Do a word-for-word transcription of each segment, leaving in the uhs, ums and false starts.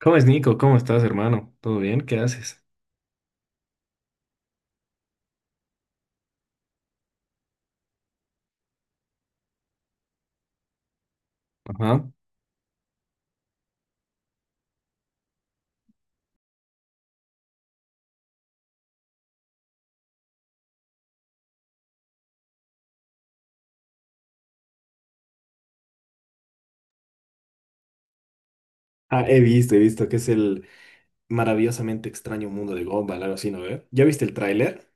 ¿Cómo es, Nico? ¿Cómo estás, hermano? ¿Todo bien? ¿Qué haces? Ajá. Ah, he visto, he visto que es el maravillosamente extraño mundo de Gumball, algo así, ¿no ve? ¿Ya viste el tráiler?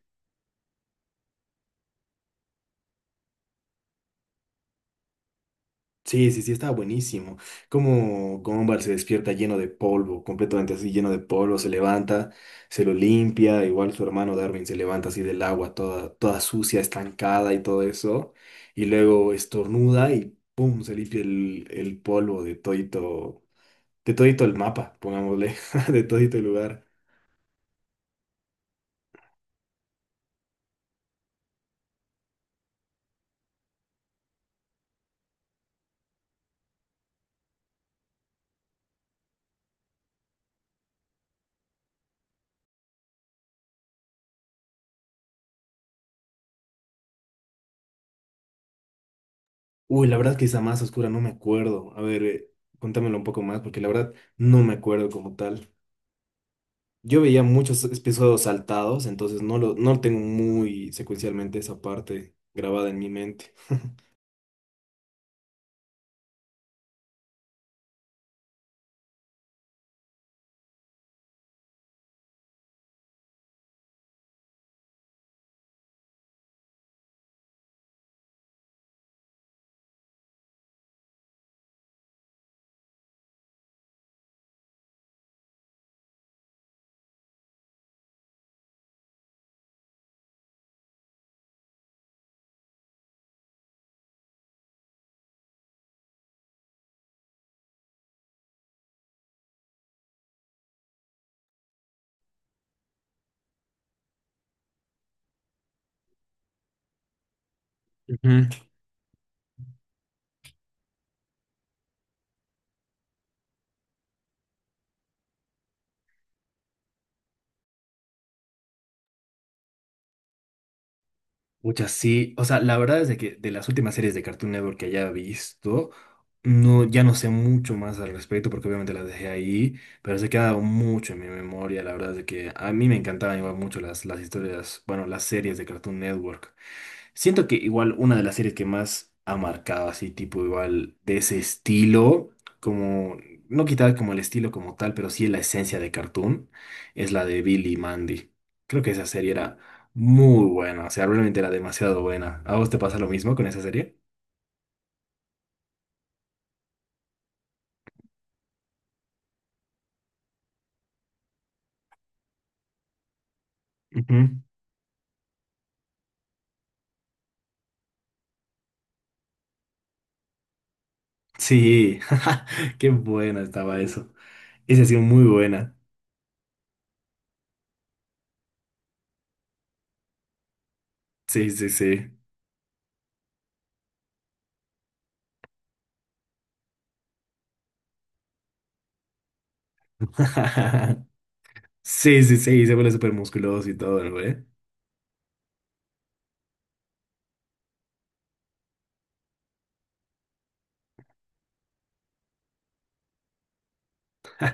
Sí, sí, sí, estaba buenísimo. Cómo Gumball se despierta lleno de polvo, completamente así, lleno de polvo, se levanta, se lo limpia, igual su hermano Darwin se levanta así del agua, toda, toda sucia, estancada y todo eso, y luego estornuda y ¡pum! Se limpia el, el polvo de todito, de todito el mapa, pongámosle, de todito el lugar. Uy, la verdad que esa más oscura, no me acuerdo. A ver, eh, cuéntamelo un poco más, porque la verdad no me acuerdo como tal. Yo veía muchos episodios saltados, entonces no lo, no tengo muy secuencialmente esa parte grabada en mi mente. Ujú. Pucha, sí. O sea, la verdad es de que de las últimas series de Cartoon Network que haya visto, no, ya no sé mucho más al respecto porque obviamente las dejé ahí, pero se queda mucho en mi memoria. La verdad es de que a mí me encantaban igual mucho las, las historias, bueno, las series de Cartoon Network. Siento que igual una de las series que más ha marcado así, tipo igual de ese estilo, como, no quitar como el estilo como tal, pero sí la esencia de Cartoon, es la de Billy y Mandy. Creo que esa serie era muy buena, o sea, realmente era demasiado buena. ¿A vos te pasa lo mismo con esa serie? Ujú. Sí, qué buena estaba eso. Esa ha sido muy buena. Sí, sí, sí. Sí, sí, sí, se vuelve súper musculoso y todo, ¿no, güey?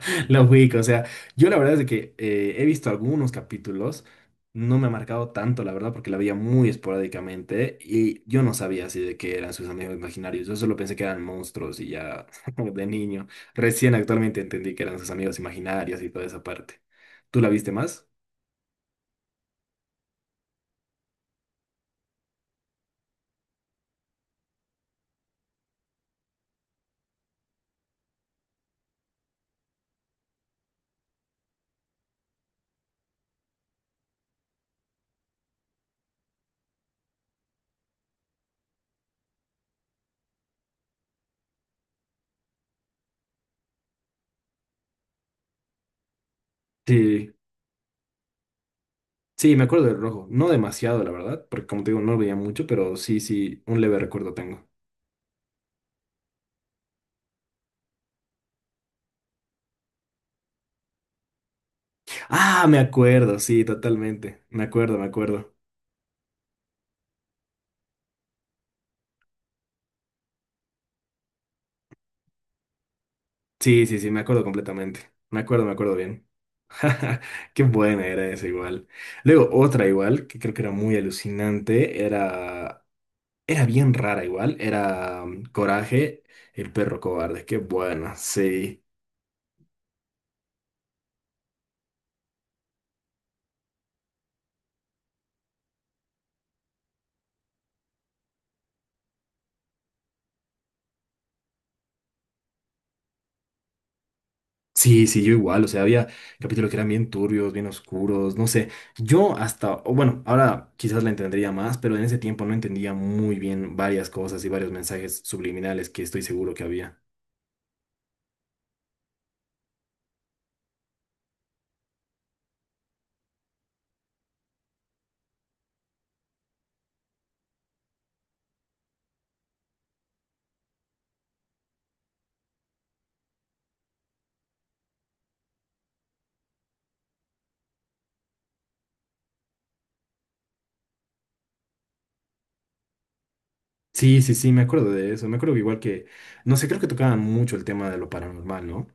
La ubico, o sea, yo la verdad es de que eh, he visto algunos capítulos, no me ha marcado tanto, la verdad, porque la veía muy esporádicamente y yo no sabía así de que eran sus amigos imaginarios, yo solo pensé que eran monstruos y ya de niño, recién actualmente entendí que eran sus amigos imaginarios y toda esa parte. ¿Tú la viste más? Sí, sí, me acuerdo del rojo, no demasiado, la verdad, porque como te digo, no lo veía mucho, pero sí, sí, un leve recuerdo tengo. Ah, me acuerdo, sí, totalmente, me acuerdo, me acuerdo. Sí, sí, sí, me acuerdo completamente. Me acuerdo, me acuerdo bien. Qué buena era esa igual. Luego otra igual, que creo que era muy alucinante, era, era bien rara igual, era um, Coraje, el perro cobarde. Qué buena, sí. Sí, sí, yo igual, o sea, había capítulos que eran bien turbios, bien oscuros, no sé. Yo hasta, o bueno, ahora quizás la entendería más, pero en ese tiempo no entendía muy bien varias cosas y varios mensajes subliminales que estoy seguro que había. Sí, sí, sí, me acuerdo de eso. Me acuerdo que igual que, no sé, creo que tocaban mucho el tema de lo paranormal, ¿no?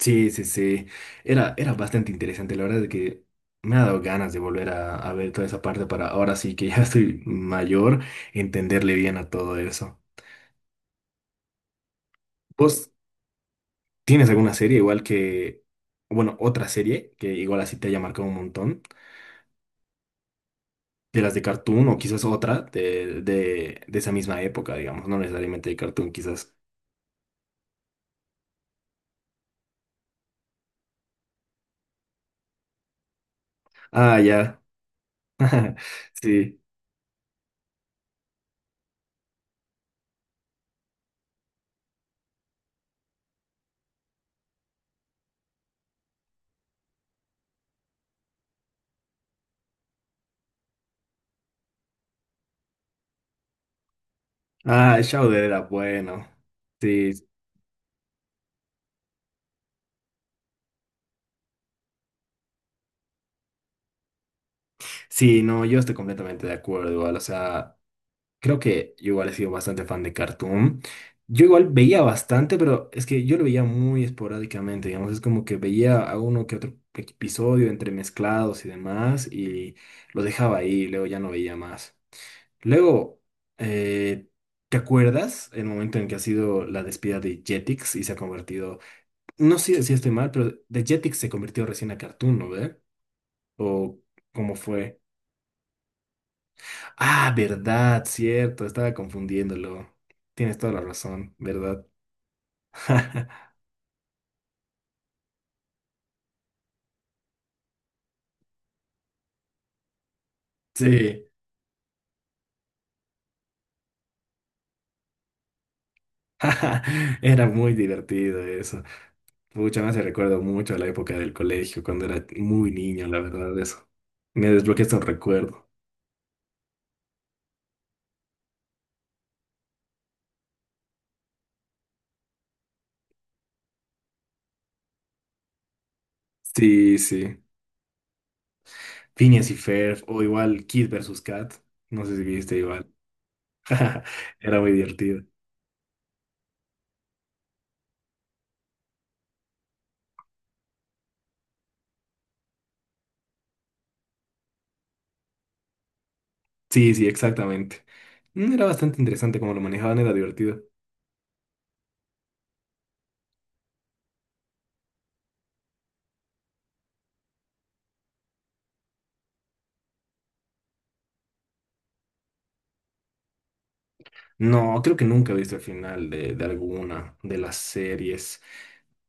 Sí, sí, sí. Era, era bastante interesante. La verdad es que me ha dado ganas de volver a, a ver toda esa parte para ahora sí que ya estoy mayor, entenderle bien a todo eso. ¿Vos tienes alguna serie igual que, bueno, otra serie que igual así te haya marcado un montón? De las de Cartoon o quizás otra de, de, de esa misma época, digamos, no necesariamente de Cartoon, quizás. Ah, ya. Sí. Ah, Shauder era bueno. Sí, sí, no, yo estoy completamente de acuerdo igual. O sea, creo que yo igual he sido bastante fan de Cartoon. Yo igual veía bastante, pero es que yo lo veía muy esporádicamente, digamos. Es como que veía a uno que otro episodio entremezclados y demás, y lo dejaba ahí, y luego ya no veía más. Luego, eh, ¿te acuerdas el momento en que ha sido la despedida de Jetix y se ha convertido, no sé si estoy mal, pero de Jetix se convirtió recién a Cartoon, ¿no ve? ¿O cómo fue? Ah, verdad, cierto, estaba confundiéndolo. Tienes toda la razón, ¿verdad? Sí, era muy divertido eso. Mucho más se recuerdo mucho a la época del colegio, cuando era muy niño, la verdad, eso. Me desbloqueaste un recuerdo. Sí, sí. Phineas y Ferb, o igual Kid versus Kat. No sé si viste igual. Era muy divertido. Sí, sí, exactamente. Mm, era bastante interesante cómo lo manejaban, era divertido. No, creo que nunca he visto el final de, de alguna de las series.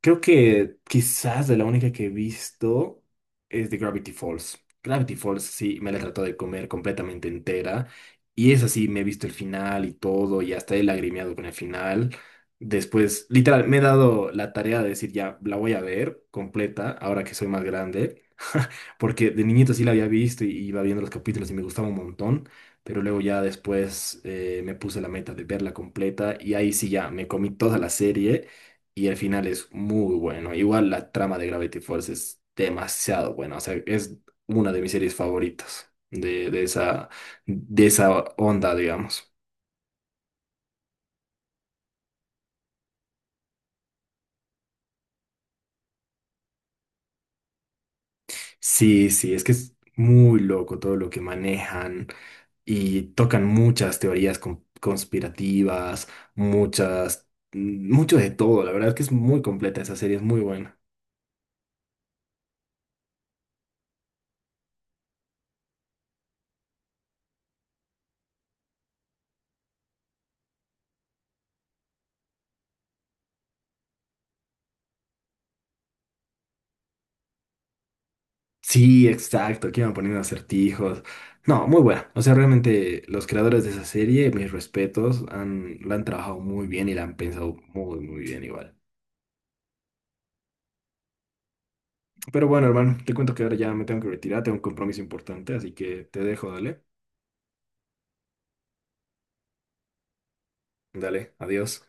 Creo que quizás de la única que he visto es de Gravity Falls. Gravity Falls sí, me la trató de comer completamente entera. Y es así, me he visto el final y todo, y hasta he lagrimeado con el final. Después, literal, me he dado la tarea de decir, ya, la voy a ver completa, ahora que soy más grande. Porque de niñito sí la había visto y iba viendo los capítulos y me gustaba un montón. Pero luego ya después eh, me puse la meta de verla completa y ahí sí ya me comí toda la serie y el final es muy bueno. Igual la trama de Gravity Falls es demasiado buena, o sea, es una de mis series favoritas de, de esa, de esa onda, digamos. Sí, sí, es que es muy loco todo lo que manejan y tocan muchas teorías con- conspirativas, muchas, mucho de todo, la verdad es que es muy completa esa serie, es muy buena. Sí, exacto, que iban poniendo acertijos. No, muy buena. O sea, realmente los creadores de esa serie, mis respetos, han, la han trabajado muy bien y la han pensado muy, muy bien igual. Pero bueno, hermano, te cuento que ahora ya me tengo que retirar, tengo un compromiso importante, así que te dejo, dale. Dale, adiós.